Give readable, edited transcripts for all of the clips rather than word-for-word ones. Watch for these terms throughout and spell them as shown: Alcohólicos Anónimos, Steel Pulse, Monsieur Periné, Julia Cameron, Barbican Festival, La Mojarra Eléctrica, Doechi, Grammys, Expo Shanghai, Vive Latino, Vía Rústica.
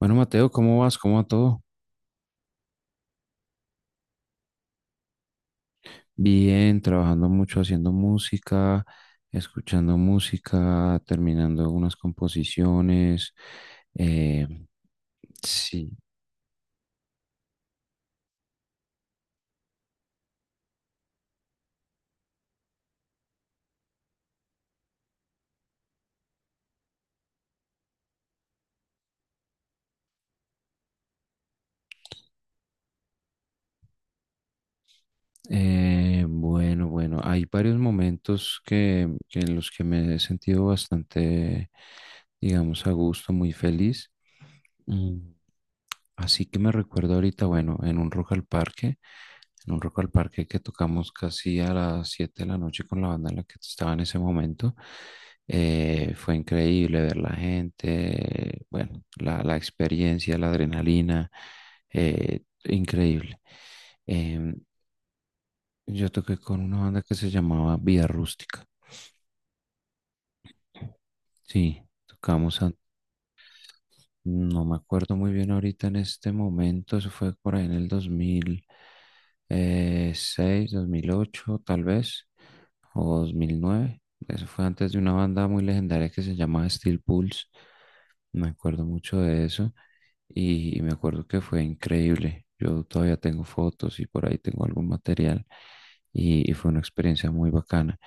Bueno, Mateo, ¿cómo vas? ¿Cómo va todo? Bien, trabajando mucho haciendo música, escuchando música, terminando unas composiciones. eh, sí. Bueno, hay varios momentos que en los que me he sentido bastante, digamos, a gusto, muy feliz. Mm. Así que me recuerdo ahorita, bueno, en un Rock al Parque, en un Rock al Parque que tocamos casi a las 7 de la noche con la banda en la que estaba en ese momento. Fue increíble ver la gente, bueno, la experiencia, la adrenalina, increíble. Em, yo toqué con una banda que se llamaba Vía Rústica. Sí, tocamos. No me acuerdo muy bien ahorita en este momento, eso fue por ahí en el 2006, 2008 tal vez, o 2009. Eso fue antes de una banda muy legendaria que se llamaba Steel Pulse. Me acuerdo mucho de eso y me acuerdo que fue increíble. Yo todavía tengo fotos y por ahí tengo algún material y fue una experiencia muy bacana.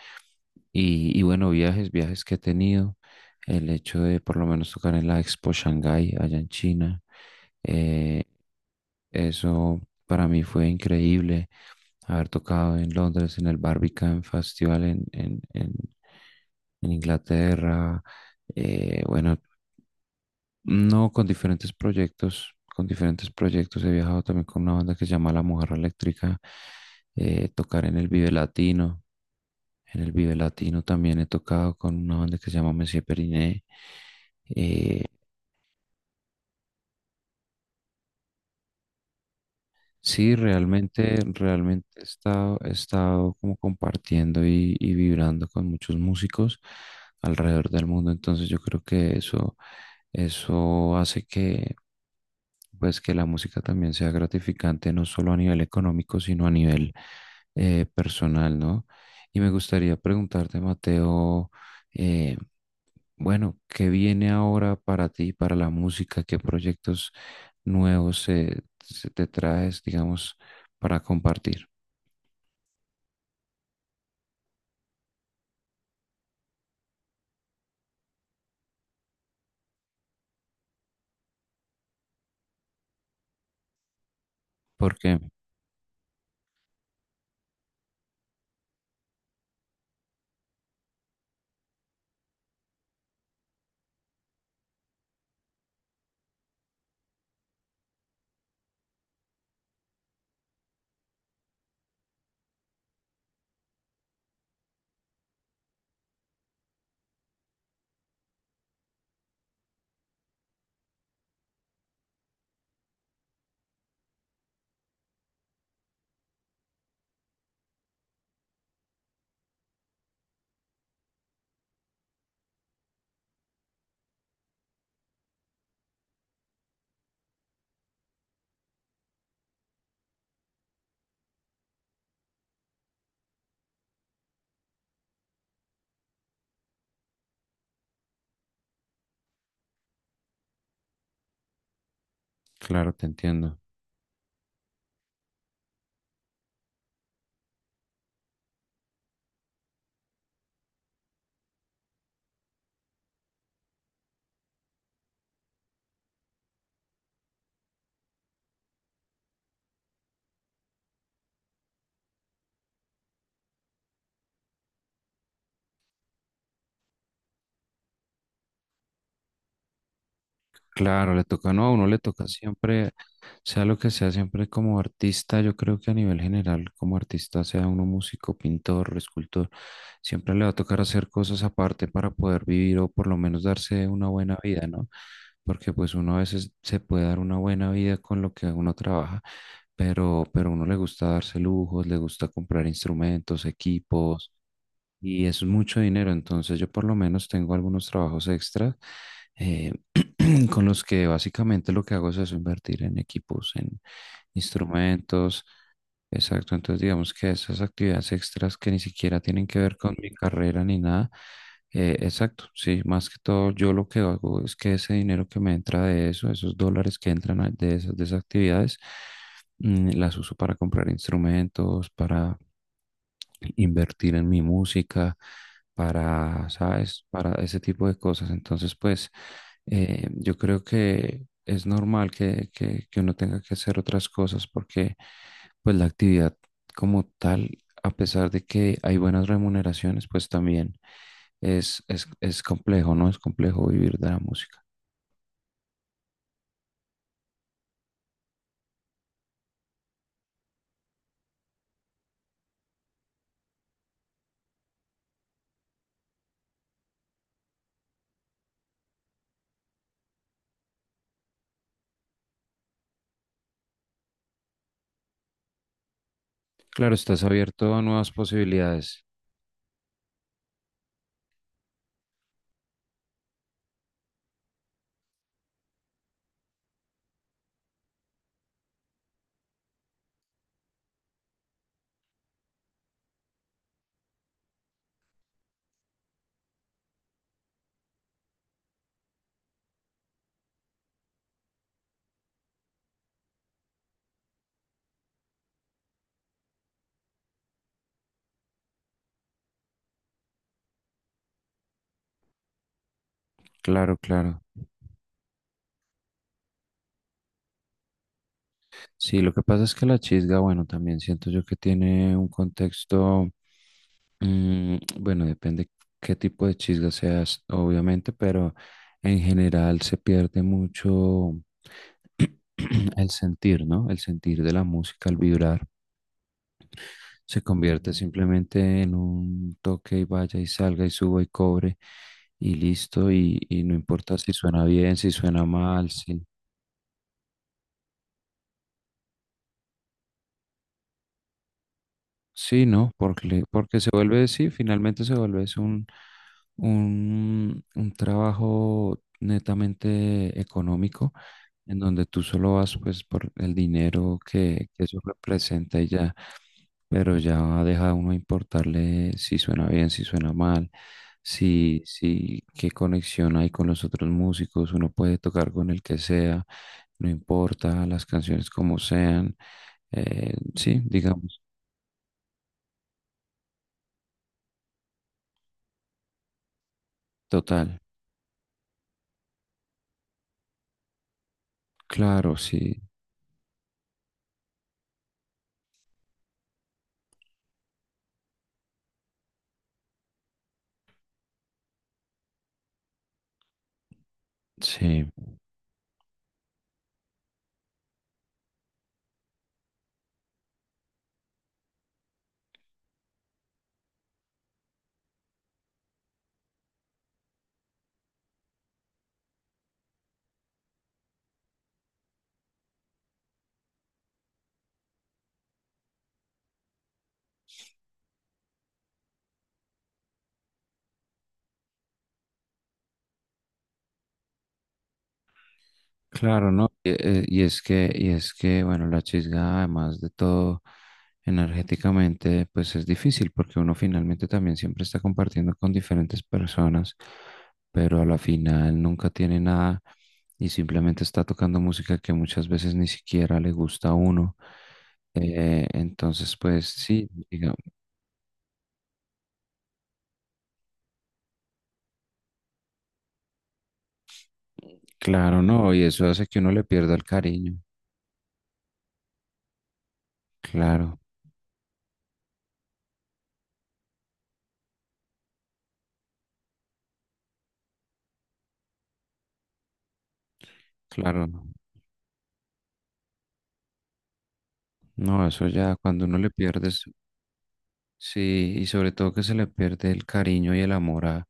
Y bueno, viajes, viajes que he tenido, el hecho de por lo menos tocar en la Expo Shanghai allá en China. eh, Eso para mí fue increíble, haber tocado en Londres, en el Barbican Festival en Inglaterra. eh, bueno, no, con diferentes proyectos, con diferentes proyectos he viajado también con una banda que se llama La Mojarra Eléctrica. Tocar en el Vive Latino. En el Vive Latino también he tocado con una banda que se llama Monsieur Periné. Eh, sí, realmente, he estado como compartiendo y vibrando con muchos músicos alrededor del mundo. Entonces yo creo que eso hace que, pues, que la música también sea gratificante, no solo a nivel económico, sino a nivel personal, ¿no? Y me gustaría preguntarte, Mateo, eh, bueno, ¿qué viene ahora para ti, para la música? ¿Qué proyectos nuevos se te traes, digamos, para compartir? Porque, claro, te entiendo. Claro, le toca, no, a uno le toca siempre, sea lo que sea, siempre como artista, yo creo que a nivel general, como artista, sea uno músico, pintor, escultor, siempre le va a tocar hacer cosas aparte para poder vivir o por lo menos darse una buena vida, ¿no? Porque pues uno a veces se puede dar una buena vida con lo que uno trabaja, pero a uno le gusta darse lujos, le gusta comprar instrumentos, equipos y es mucho dinero, entonces yo por lo menos tengo algunos trabajos extras. eh, con los que básicamente lo que hago es eso, invertir en equipos, en instrumentos. Exacto, entonces digamos que esas actividades extras que ni siquiera tienen que ver con mi carrera ni nada. Exacto, sí, más que todo yo lo que hago es que ese dinero que me entra de eso, esos dólares que entran a- de esas actividades, mm, las uso para comprar instrumentos, para invertir en mi música, para, ¿sabes? Para ese tipo de cosas. Entonces, pues, yo creo que es normal que uno tenga que hacer otras cosas porque, pues, la actividad como tal, a pesar de que hay buenas remuneraciones, pues también es complejo, ¿no? Es complejo vivir de la música. Claro, estás abierto a nuevas posibilidades. Claro, claro. Sí, lo que pasa es que la chisga, bueno, también siento yo que tiene un contexto, mm, bueno, depende qué tipo de chisga seas, obviamente, pero en general se pierde mucho el sentir, ¿no? El sentir de la música, el vibrar, se convierte simplemente en un toque y vaya y salga y suba y cobre y listo, y no importa si suena bien, si suena mal, si... Sí, ¿no? Porque, porque se vuelve, sí, finalmente se vuelve es un, un trabajo netamente económico, en donde tú solo vas pues por el dinero que eso representa y ya, pero ya deja a uno importarle si suena bien, si suena mal, si, si qué conexión hay con los otros músicos, uno puede tocar con el que sea, no importa, las canciones como sean. Sí, digamos, total. Claro, sí, sí, claro, ¿no? E- e- y es que, bueno, la chisga, además de todo, energéticamente, pues es difícil porque uno finalmente también siempre está compartiendo con diferentes personas, pero a la final nunca tiene nada y simplemente está tocando música que muchas veces ni siquiera le gusta a uno. Entonces, pues sí, diga- claro, no, y eso hace que uno le pierda el cariño. Claro, claro. ¿No? No, eso ya cuando uno le pierdes, sí, y sobre todo que se le pierde el cariño y el amor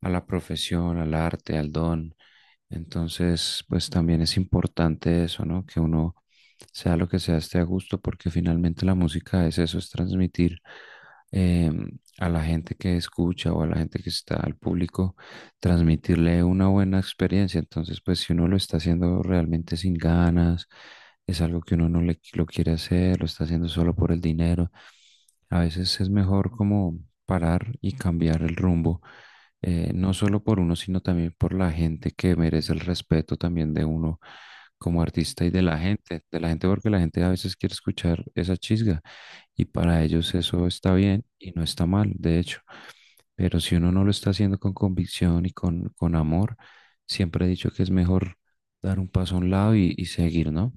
a la profesión, al arte, al don. Entonces, pues también es importante eso, ¿no? Que uno sea lo que sea, esté a gusto, porque finalmente la música es eso, es transmitir eh, a la gente que escucha o a la gente que está al público, transmitirle una buena experiencia. Entonces, pues si uno lo está haciendo realmente sin ganas, es algo que uno no le, lo quiere hacer, lo está haciendo solo por el dinero, a veces es mejor como parar y cambiar el rumbo. No solo por uno, sino también por la gente que merece el respeto también de uno como artista y de la gente porque la gente a veces quiere escuchar esa chisga y para ellos eso está bien y no está mal, de hecho, pero si uno no lo está haciendo con convicción y con amor, siempre he dicho que es mejor dar un paso a un lado y seguir, ¿no?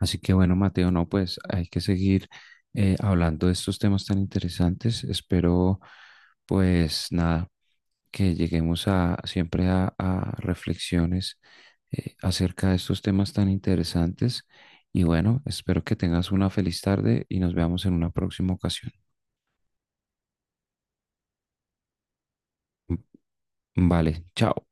Así que bueno, Mateo, no, pues hay que seguir hablando de estos temas tan interesantes. Espero, pues nada, que lleguemos a siempre a reflexiones acerca de estos temas tan interesantes. Y bueno, espero que tengas una feliz tarde y nos veamos en una próxima ocasión. Vale, chao.